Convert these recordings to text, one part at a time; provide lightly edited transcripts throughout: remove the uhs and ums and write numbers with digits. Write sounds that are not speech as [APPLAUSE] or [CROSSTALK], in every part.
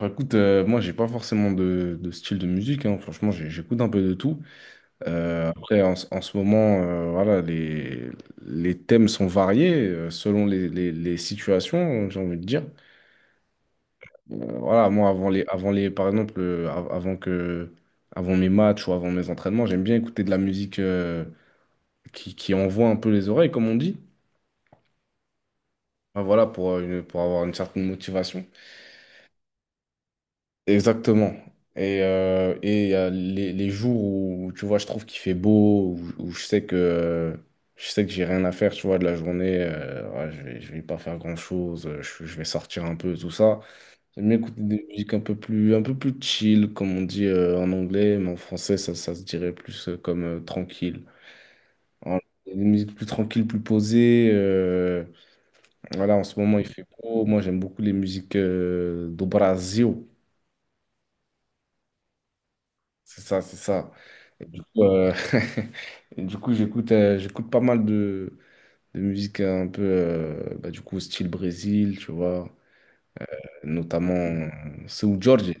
Moi, j'ai pas forcément de style de musique, hein. Franchement, j'écoute un peu de tout. Après, en ce moment, voilà, les thèmes sont variés selon les situations, j'ai envie de dire. Voilà, moi, avant les, par exemple, avant avant mes matchs ou avant mes entraînements, j'aime bien écouter de la musique qui envoie un peu les oreilles, comme on dit. Bah, voilà, pour avoir une certaine motivation. Exactement. Et il y a les jours où, tu vois, je trouve qu'il fait beau, où je sais que je sais que j'ai rien à faire, tu vois, de la journée, ouais, je vais pas faire grand-chose, euh, je vais sortir un peu, tout ça. J'aime bien écouter des musiques un peu plus chill, comme on dit, en anglais, mais en français, ça se dirait plus comme tranquille. Voilà. Des musiques plus tranquilles, plus posées. Voilà, en ce moment, il fait beau. Moi, j'aime beaucoup les musiques do Brasil. C'est ça, c'est ça. Et du coup, [LAUGHS] et du coup, j'écoute pas mal de musique un peu, du coup, style Brésil, tu vois, notamment Seu Jorge.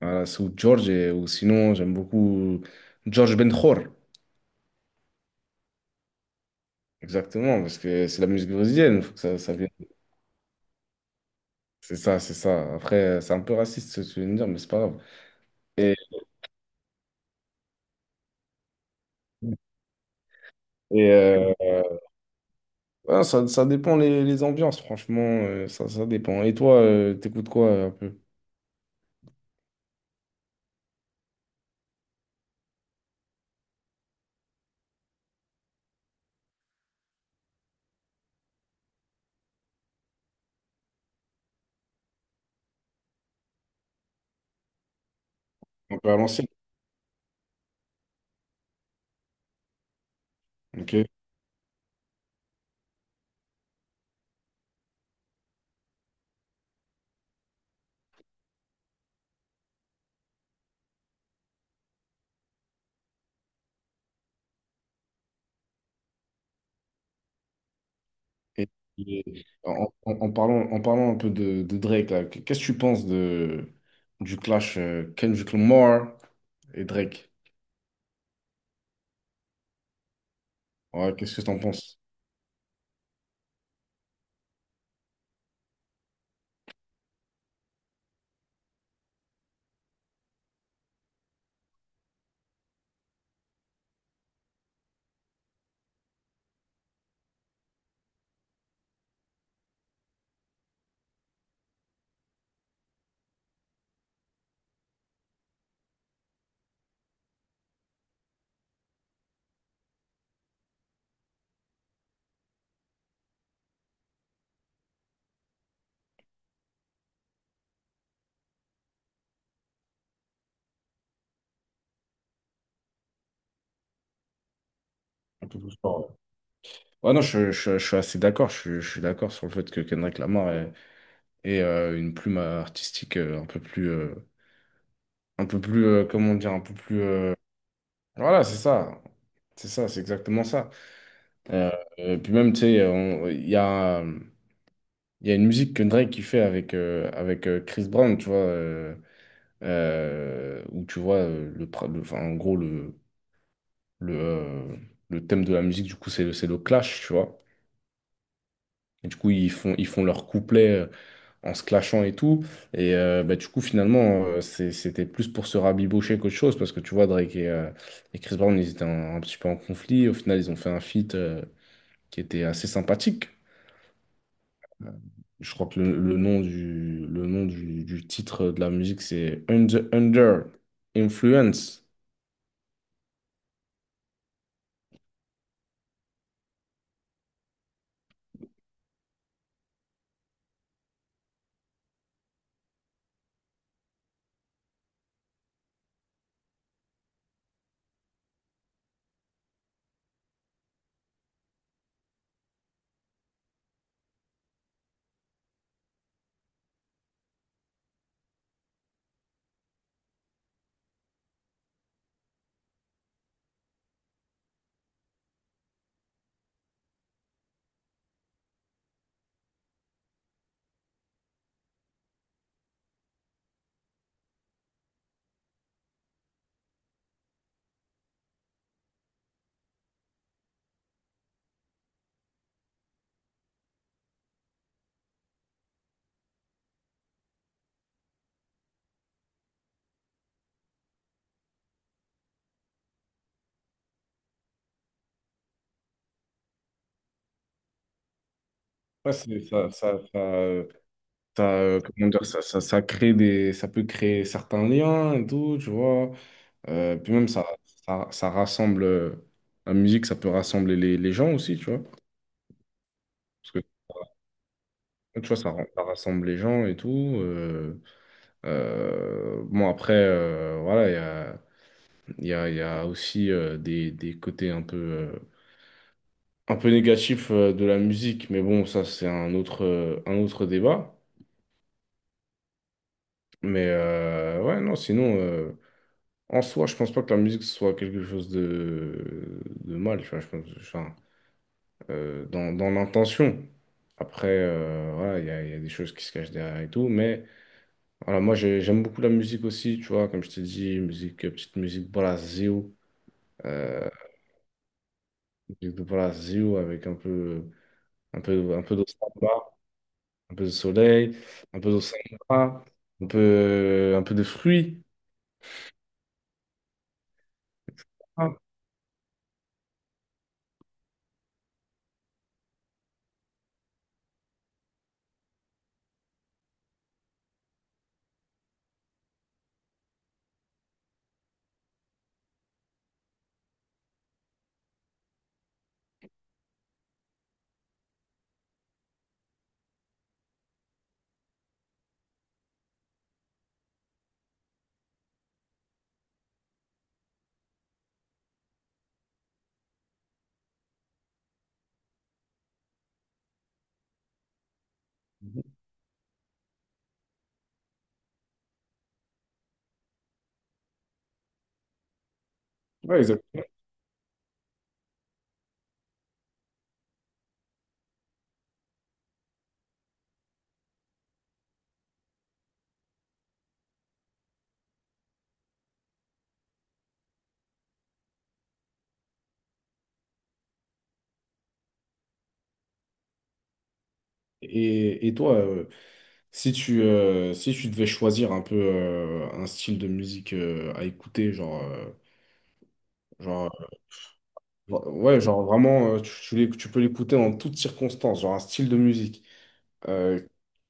Voilà, Seu Jorge, ou sinon, j'aime beaucoup Jorge Benjor, exactement, parce que c'est la musique brésilienne, faut que ça vienne. C'est ça, c'est ça. Après, c'est un peu raciste ce que tu viens de dire, mais c'est pas grave. Et, et, euh, ouais, ça dépend les ambiances, franchement, euh, ça dépend. Et toi, t'écoutes quoi un peu? Un peu à l'ancienne. Ok. Et, En parlant un peu de Drake, là, qu'est-ce que tu penses de, du clash Kendrick Lamar et Drake? Ouais, qu'est-ce que tu en penses? Un peu plus fort, ouais. Ouais, non, je suis assez d'accord. Je suis d'accord sur le fait que Kendrick Lamar est, une plume artistique comment dire, un peu plus. Voilà, c'est ça. C'est ça, c'est exactement ça. Euh, Puis même, tu sais, il y a. Il y a une musique que Drake qui fait avec, avec Chris Brown, tu vois, où tu vois, enfin, en gros, le, euh, le thème de la musique, du coup, c'est c'est le clash, tu vois. Et du coup, ils font leur couplet en se clashant et tout. Et bah, du coup, finalement, c'était plus pour se rabibocher qu'autre chose, parce que tu vois, Drake et Chris Brown, ils étaient un petit peu en conflit. Au final, ils ont fait un feat qui était assez sympathique. Je crois que le nom du titre de la musique, c'est Under, Under Influence. Ouais, comment dire, ça crée des, ça peut créer certains liens et tout, tu vois. Puis même, ça rassemble, la musique, ça peut rassembler les gens aussi, tu vois. Parce que tu vois, ça rassemble les gens et tout. euh, bon, après, voilà, il y a aussi des côtés un peu. Un peu négatif de la musique, mais bon, ça c'est un autre débat. Mais ouais, non, sinon, en soi, je pense pas que la musique soit quelque chose de mal, tu vois, je pense, enfin, dans l'intention. Après, voilà, il y a des choses qui se cachent derrière et tout, mais voilà, j'aime beaucoup la musique aussi, tu vois, comme je t'ai dit, musique, petite musique brasil, euh, musique de Brasil avec un peu de samba. Un peu de soleil, un peu d'océan, un peu de fruits. Ah, ouais, exactement. Et toi, si tu devais choisir un peu un style de musique à écouter, genre, ouais, genre vraiment, tu tu peux l'écouter en toutes circonstances, genre un style de musique, euh,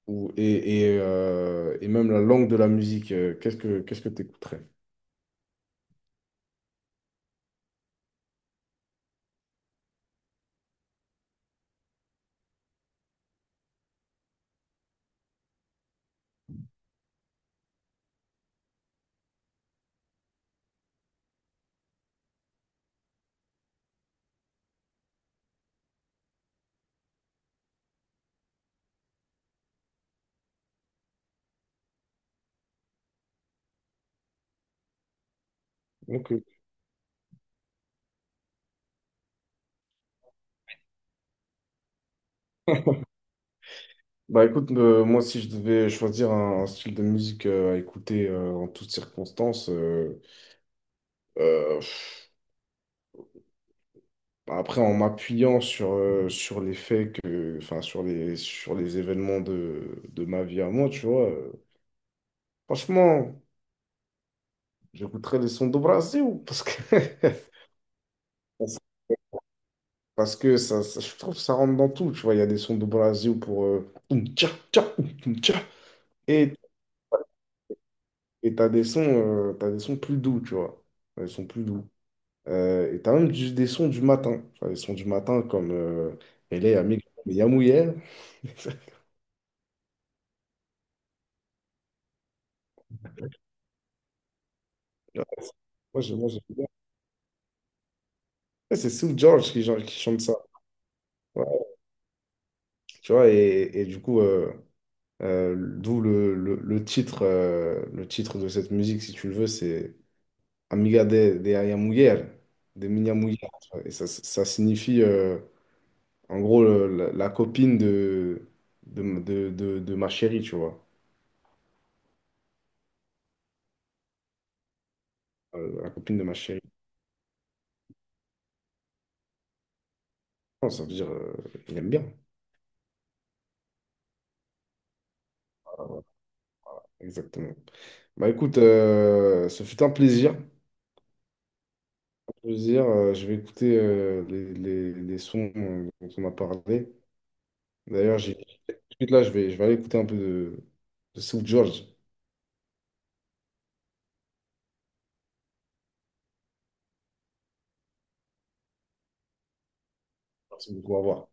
et même la langue de la musique, qu'est-ce que tu écouterais? Bah écoute, moi si je devais choisir un style de musique à écouter en toutes circonstances, pff, après en m'appuyant sur, sur les faits que, enfin sur les événements de ma vie à moi, tu vois, franchement, j'écouterais les sons do Brasil parce que [LAUGHS] parce que parce que je trouve que ça rentre dans tout, tu vois, il y a des sons do Brasil pour oum, tcha, tcha, oum, oum, tcha. et et t'as des sons plus doux, tu vois, des sons plus doux. Et t'as même des sons du matin. Enfin, des sons du matin comme LA Amig, Yamouye. [LAUGHS] Moi, j'aime bien. Ouais, c'est Sue George qui, genre, qui chante ça. Ouais. Tu vois, et du coup, d'où le titre de cette musique, si tu le veux, c'est Amiga de Aya Mujer, de Minha Mujer. Et ça signifie, en gros, la copine de ma chérie, tu vois. La copine de ma chérie. Non, ça veut dire, il aime bien. Exactement. Bah écoute, ce fut un plaisir. Plaisir. Je vais écouter les sons dont on a parlé. D'ailleurs, j'ai tout de suite là, je vais aller écouter un peu de South George. Merci beaucoup, au revoir.